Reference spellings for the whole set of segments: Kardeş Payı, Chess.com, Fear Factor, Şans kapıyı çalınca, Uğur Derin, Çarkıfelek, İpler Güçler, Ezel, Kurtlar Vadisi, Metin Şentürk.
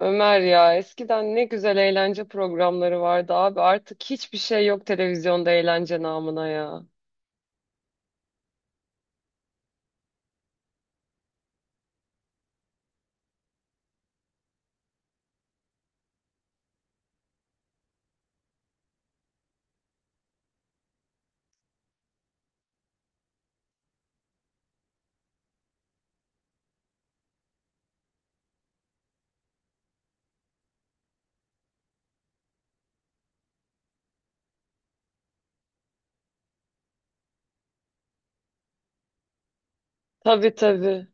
Ömer ya, eskiden ne güzel eğlence programları vardı abi. Artık hiçbir şey yok televizyonda eğlence namına ya. Tabii tabii.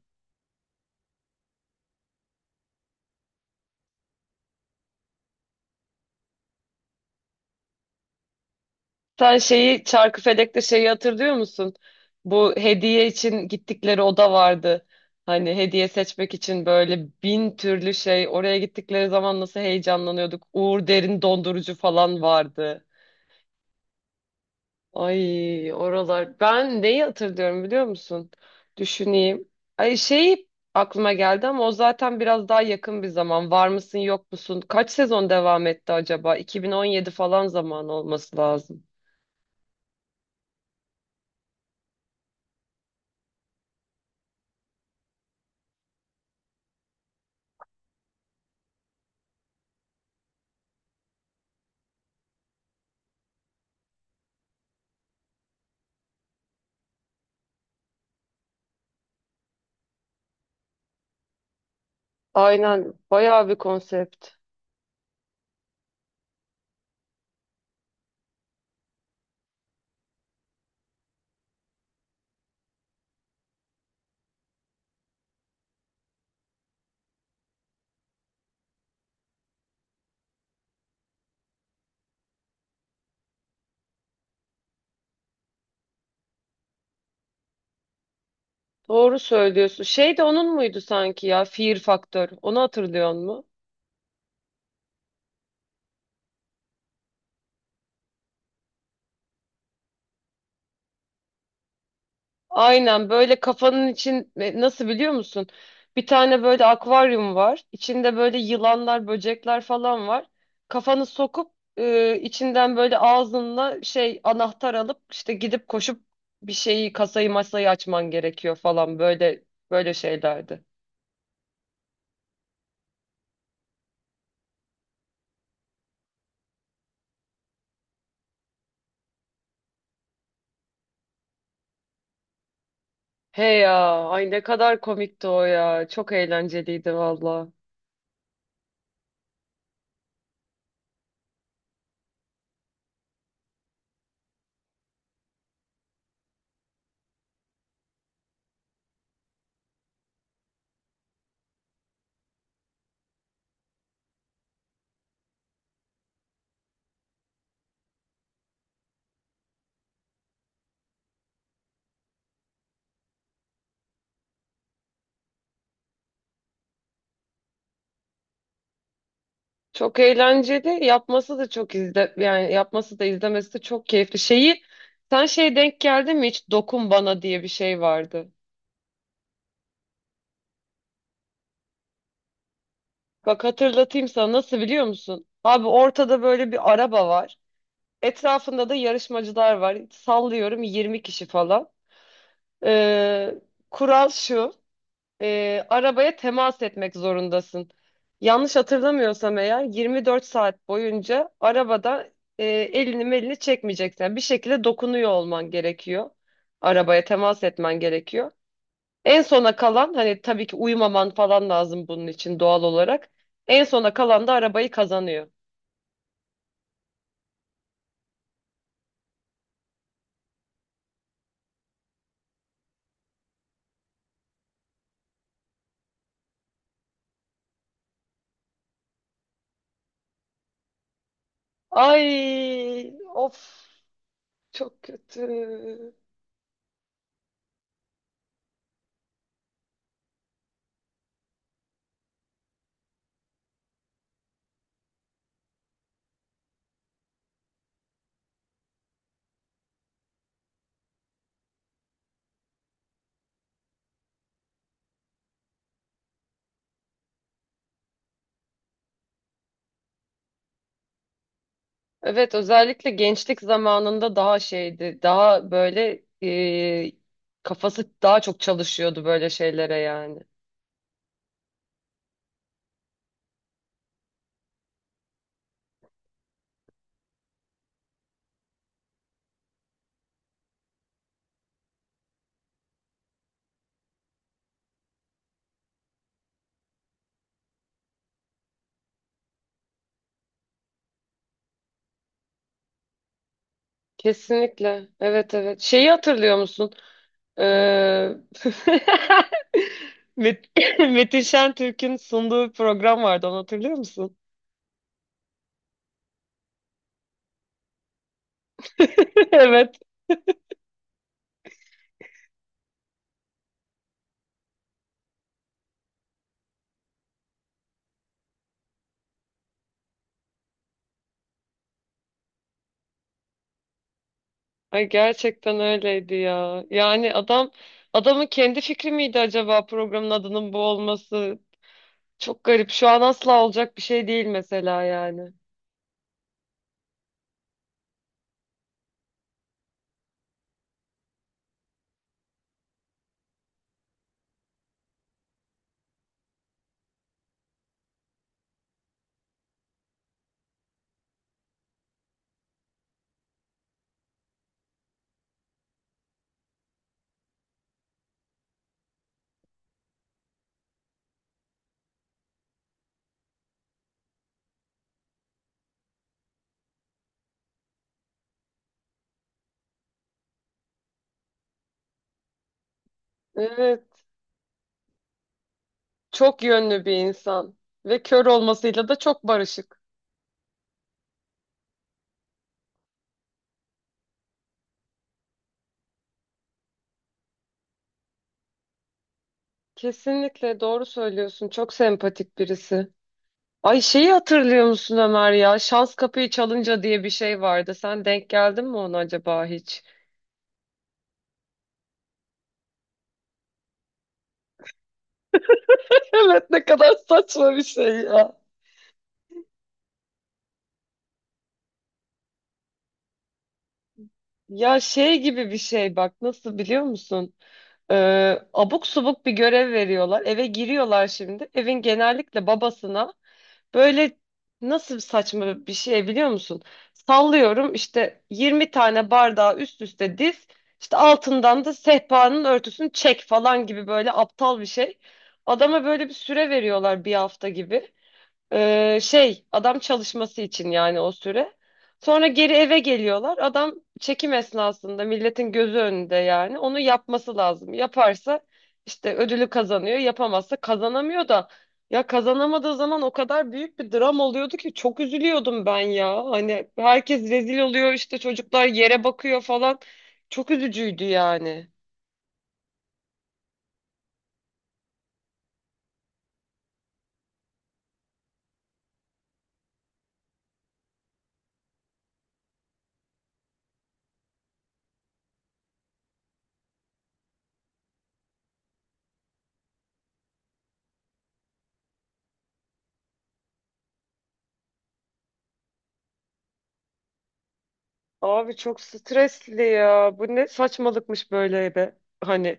Sen şeyi Çarkıfelek'te şeyi hatırlıyor musun? Bu hediye için gittikleri oda vardı. Hani hediye seçmek için böyle bin türlü şey. Oraya gittikleri zaman nasıl heyecanlanıyorduk. Uğur Derin dondurucu falan vardı. Ay, oralar. Ben neyi hatırlıyorum biliyor musun? Düşüneyim. Ay, şey aklıma geldi ama o zaten biraz daha yakın bir zaman. Var mısın yok musun? Kaç sezon devam etti acaba? 2017 falan zaman olması lazım. Aynen, bayağı bir konsept. Doğru söylüyorsun. Şey de onun muydu sanki ya? Fear Factor. Onu hatırlıyor musun? Aynen, böyle kafanın için nasıl biliyor musun? Bir tane böyle akvaryum var. İçinde böyle yılanlar, böcekler falan var. Kafanı sokup içinden böyle ağzınla şey anahtar alıp işte gidip koşup bir şeyi, kasayı, masayı açman gerekiyor falan, böyle böyle şeylerdi. He ya, ay ne kadar komikti o ya. Çok eğlenceliydi valla. Çok eğlenceli. Yapması da çok izle yani yapması da izlemesi de çok keyifli. Şeyi sen şeye denk geldi mi hiç, dokun bana diye bir şey vardı. Bak hatırlatayım sana, nasıl biliyor musun? Abi, ortada böyle bir araba var. Etrafında da yarışmacılar var. Sallıyorum 20 kişi falan. Ee, Kural şu: arabaya temas etmek zorundasın. Yanlış hatırlamıyorsam eğer 24 saat boyunca arabada elini melini çekmeyeceksin. Yani bir şekilde dokunuyor olman gerekiyor. Arabaya temas etmen gerekiyor. En sona kalan, hani tabii ki uyumaman falan lazım bunun için doğal olarak. En sona kalan da arabayı kazanıyor. Ay of, çok kötü. Evet, özellikle gençlik zamanında daha şeydi, daha böyle kafası daha çok çalışıyordu böyle şeylere yani. Kesinlikle. Evet, evet. Şeyi hatırlıyor musun? Ee, Met Metin Şentürk'ün sunduğu bir program vardı, onu hatırlıyor musun? Evet. Ay, gerçekten öyleydi ya. Yani adamın kendi fikri miydi acaba programın adının bu olması? Çok garip. Şu an asla olacak bir şey değil mesela yani. Evet. Çok yönlü bir insan ve kör olmasıyla da çok barışık. Kesinlikle doğru söylüyorsun. Çok sempatik birisi. Ay, şeyi hatırlıyor musun Ömer ya? Şans Kapıyı Çalınca diye bir şey vardı. Sen denk geldin mi ona acaba hiç? Evet, ne kadar saçma bir şey ya. Ya, şey gibi bir şey, bak, nasıl biliyor musun? Abuk subuk bir görev veriyorlar. Eve giriyorlar şimdi. Evin genellikle babasına. Böyle, nasıl saçma bir şey biliyor musun? Sallıyorum işte 20 tane bardağı üst üste diz, işte altından da sehpanın örtüsünü çek falan gibi böyle aptal bir şey. Adama böyle bir süre veriyorlar, bir hafta gibi. Şey, adam çalışması için yani, o süre. Sonra geri eve geliyorlar. Adam çekim esnasında milletin gözü önünde yani onu yapması lazım. Yaparsa işte ödülü kazanıyor. Yapamazsa kazanamıyor da, ya, kazanamadığı zaman o kadar büyük bir dram oluyordu ki, çok üzülüyordum ben ya. Hani herkes rezil oluyor, işte çocuklar yere bakıyor falan. Çok üzücüydü yani. Abi, çok stresli ya. Bu ne saçmalıkmış böyle be. Hani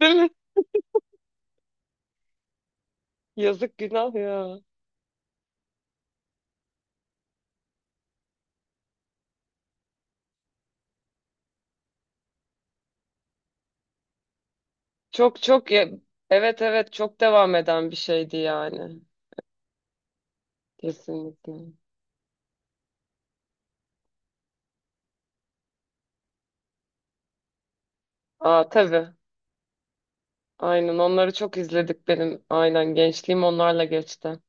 değil mi? Yazık, günah ya. Çok çok ya- evet, evet, çok devam eden bir şeydi yani. Kesinlikle. Aa, tabii. Aynen, onları çok izledik benim. Aynen, gençliğim onlarla geçti.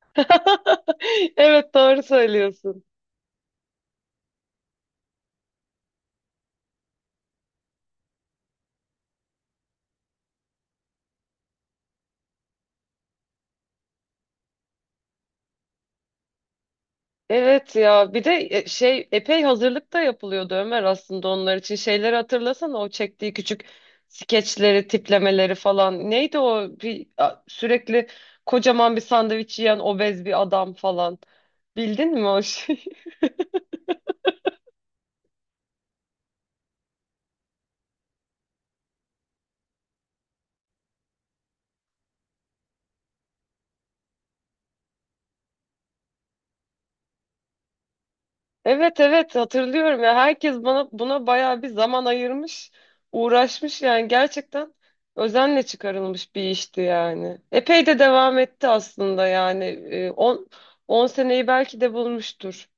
Evet, doğru söylüyorsun. Evet ya, bir de şey, epey hazırlık da yapılıyordu Ömer aslında onlar için. Şeyleri hatırlasana, o çektiği küçük skeçleri, tiplemeleri falan. Neydi o bir sürekli kocaman bir sandviç yiyen obez bir adam falan. Bildin mi o şeyi? Evet, evet, hatırlıyorum ya, herkes bana buna bayağı bir zaman ayırmış, uğraşmış yani, gerçekten özenle çıkarılmış bir işti yani. Epey de devam etti aslında, yani 10 seneyi belki de bulmuştur.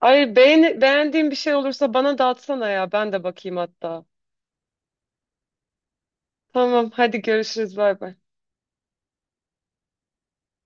Ay, beğendiğin bir şey olursa bana da atsana ya, ben de bakayım hatta. Tamam, hadi görüşürüz, bay bay.